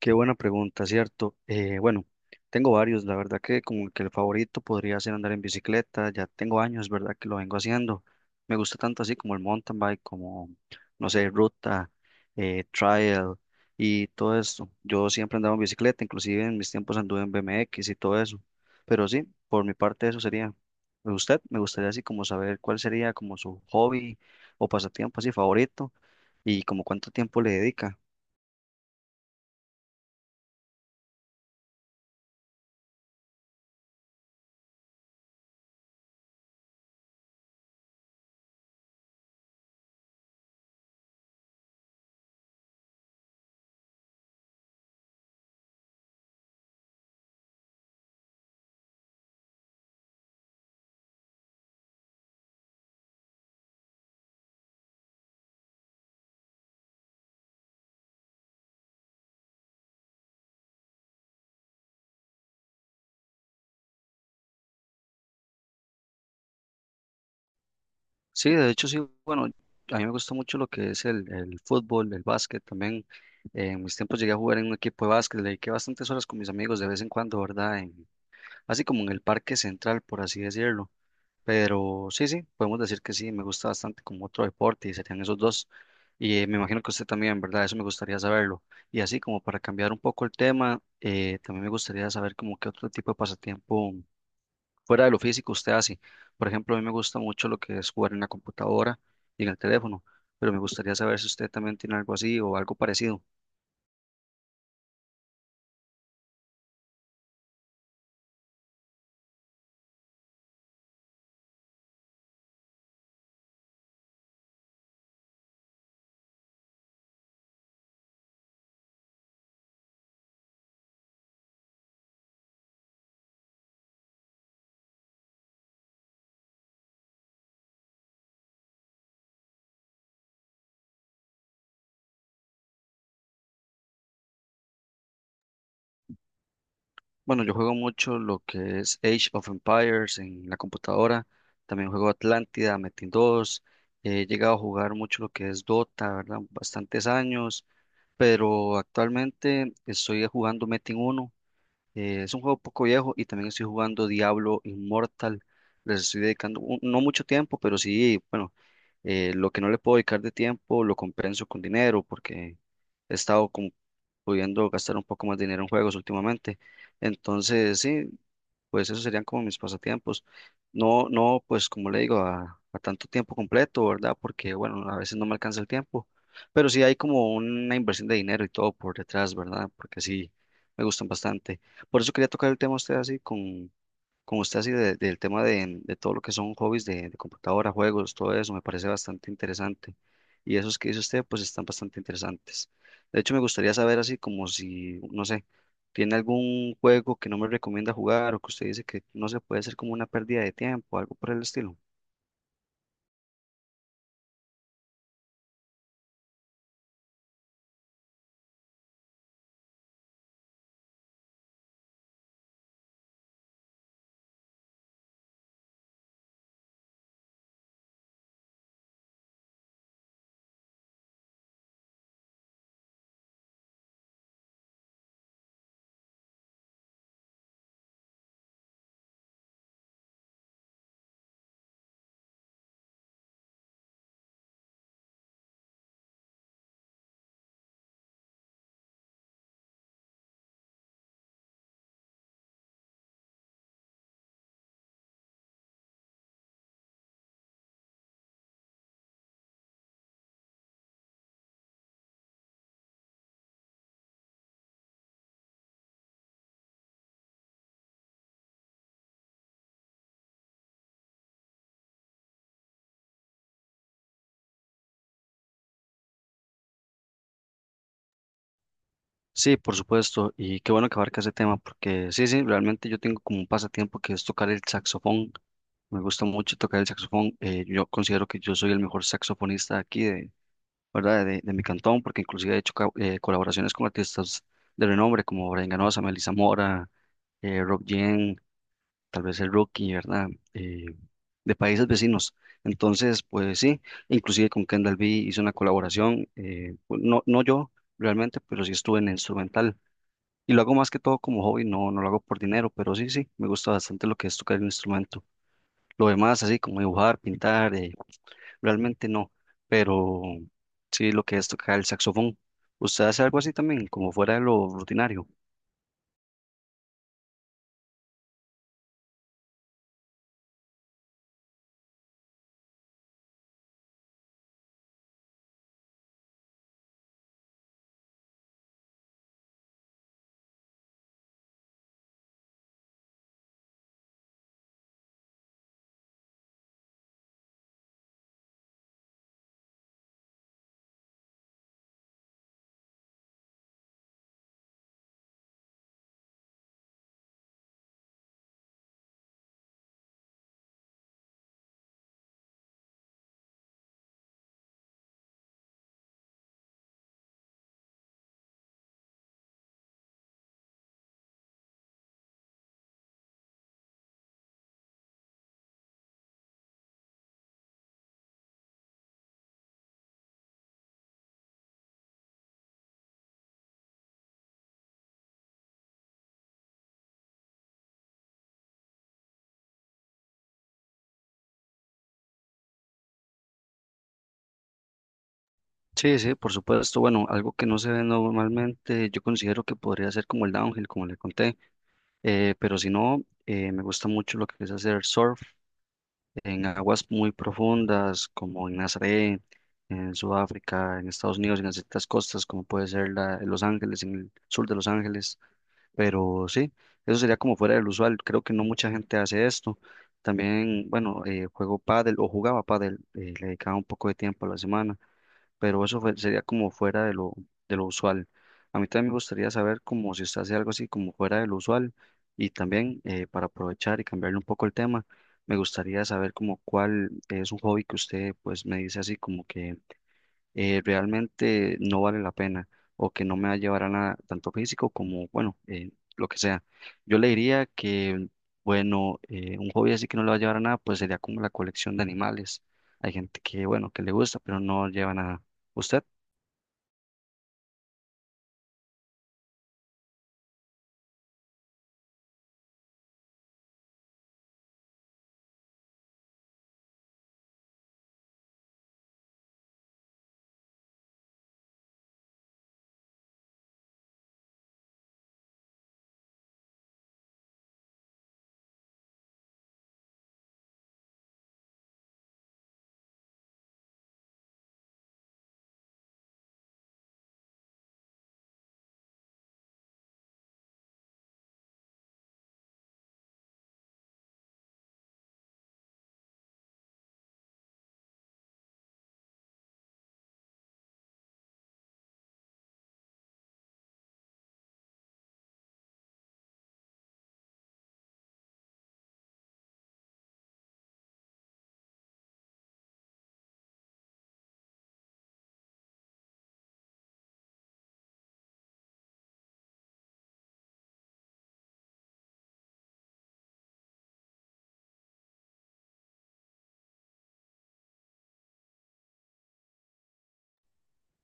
Qué buena pregunta, ¿cierto? Bueno, tengo varios, la verdad que como que el favorito podría ser andar en bicicleta, ya tengo años, ¿verdad? Que lo vengo haciendo. Me gusta tanto así como el mountain bike, como, no sé, ruta, trail y todo esto. Yo siempre andaba en bicicleta, inclusive en mis tiempos anduve en BMX y todo eso. Pero sí, por mi parte eso sería. Usted, me gustaría así como saber cuál sería como su hobby o pasatiempo así favorito y como cuánto tiempo le dedica. Sí, de hecho sí, bueno, a mí me gusta mucho lo que es el fútbol, el básquet también. En mis tiempos llegué a jugar en un equipo de básquet, le dediqué bastantes horas con mis amigos de vez en cuando, ¿verdad? Así como en el parque central, por así decirlo. Pero sí, sí, podemos decir que sí, me gusta bastante como otro deporte y serían esos dos. Y me imagino que usted también, ¿verdad? Eso me gustaría saberlo. Y así como para cambiar un poco el tema, también me gustaría saber como qué otro tipo de pasatiempo fuera de lo físico usted hace. Por ejemplo, a mí me gusta mucho lo que es jugar en la computadora y en el teléfono, pero me gustaría saber si usted también tiene algo así o algo parecido. Bueno, yo juego mucho lo que es Age of Empires en la computadora, también juego Atlántida, Metin 2, he llegado a jugar mucho lo que es Dota, ¿verdad? Bastantes años, pero actualmente estoy jugando Metin 1. Es un juego poco viejo y también estoy jugando Diablo Immortal. Les estoy dedicando no mucho tiempo, pero sí, bueno, lo que no le puedo dedicar de tiempo lo compenso con dinero porque he estado como pudiendo gastar un poco más de dinero en juegos últimamente. Entonces, sí, pues esos serían como mis pasatiempos. No, no, pues como le digo, a tanto tiempo completo, ¿verdad? Porque, bueno, a veces no me alcanza el tiempo, pero sí hay como una inversión de dinero y todo por detrás, ¿verdad? Porque sí, me gustan bastante. Por eso quería tocar el tema a usted así, con usted así del tema de todo lo que son hobbies de computadora, juegos, todo eso, me parece bastante interesante. Y esos que dice usted, pues están bastante interesantes. De hecho, me gustaría saber así como si, no sé, tiene algún juego que no me recomienda jugar o que usted dice que no se puede hacer como una pérdida de tiempo, algo por el estilo. Sí, por supuesto, y qué bueno que abarca ese tema, porque sí, sí, realmente yo tengo como un pasatiempo que es tocar el saxofón. Me gusta mucho tocar el saxofón. Yo considero que yo soy el mejor saxofonista aquí de, ¿verdad? De mi cantón, porque inclusive he hecho colaboraciones con artistas de renombre como Brian Ganosa, Melissa Mora, Rob Yen, tal vez el Rookie, ¿verdad? Eh, de países vecinos. Entonces, pues sí, inclusive con Kendall B hice una colaboración, pues, no, no yo realmente, pero sí estuve en el instrumental. Y lo hago más que todo como hobby, no, no lo hago por dinero, pero sí, sí, me gusta bastante lo que es tocar el instrumento. Lo demás, así como dibujar, pintar, realmente no, pero sí lo que es tocar el saxofón. ¿Usted hace algo así también, como fuera de lo rutinario? Sí, sí, por supuesto. Bueno, algo que no se ve normalmente, yo considero que podría ser como el downhill, como le conté, pero si no, me gusta mucho lo que es hacer surf en aguas muy profundas, como en Nazaret, en Sudáfrica, en Estados Unidos, en ciertas costas, como puede ser Los Ángeles, en el sur de Los Ángeles. Pero sí, eso sería como fuera del usual. Creo que no mucha gente hace esto. También, bueno, juego pádel o jugaba pádel, le dedicaba un poco de tiempo a la semana, pero sería como fuera de de lo usual. A mí también me gustaría saber como si usted hace algo así como fuera de lo usual y también para aprovechar y cambiarle un poco el tema, me gustaría saber como cuál es un hobby que usted pues me dice así como que realmente no vale la pena o que no me va a llevar a nada, tanto físico como, bueno, lo que sea. Yo le diría que, bueno, un hobby así que no le va a llevar a nada, pues sería como la colección de animales. Hay gente que, bueno, que le gusta, pero no lleva nada. ¿Usted?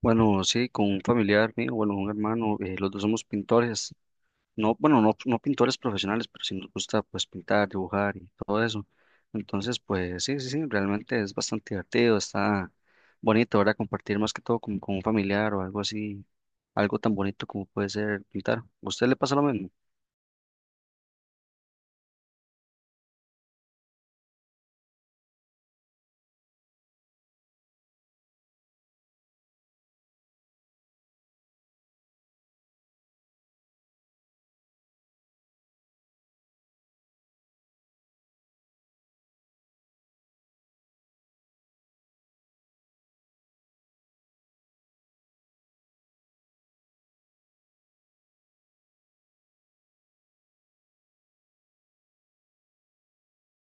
Bueno, sí, con un familiar mío, bueno, un hermano, los dos somos pintores. No, bueno, no, no pintores profesionales, pero sí nos gusta pues pintar, dibujar y todo eso. Entonces, pues sí, sí, sí, realmente es bastante divertido, está bonito, ahora compartir más que todo como con un familiar o algo así, algo tan bonito como puede ser pintar. ¿A usted le pasa lo mismo?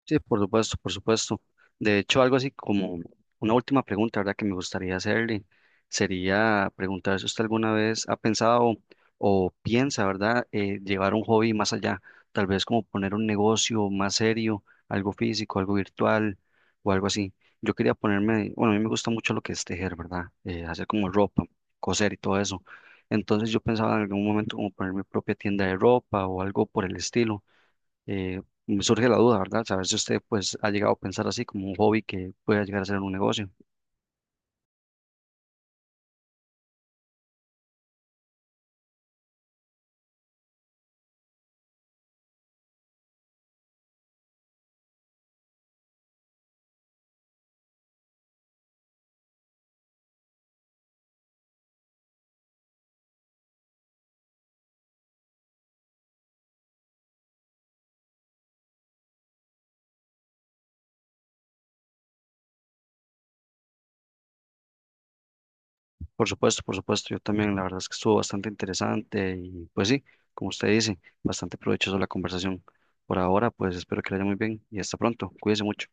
Sí, por supuesto, por supuesto. De hecho, algo así como una última pregunta, ¿verdad? Que me gustaría hacerle sería preguntar si usted alguna vez ha pensado o piensa, ¿verdad? Llevar un hobby más allá, tal vez como poner un negocio más serio, algo físico, algo virtual o algo así. Yo quería ponerme, bueno, a mí me gusta mucho lo que es tejer, ¿verdad? Hacer como ropa, coser y todo eso. Entonces yo pensaba en algún momento como poner mi propia tienda de ropa o algo por el estilo. Me surge la duda, ¿verdad? Saber si usted pues ha llegado a pensar así como un hobby que pueda llegar a ser un negocio. Por supuesto, yo también, la verdad es que estuvo bastante interesante y pues sí, como usted dice, bastante provechoso la conversación. Por ahora, pues espero que le haya muy bien y hasta pronto. Cuídese mucho.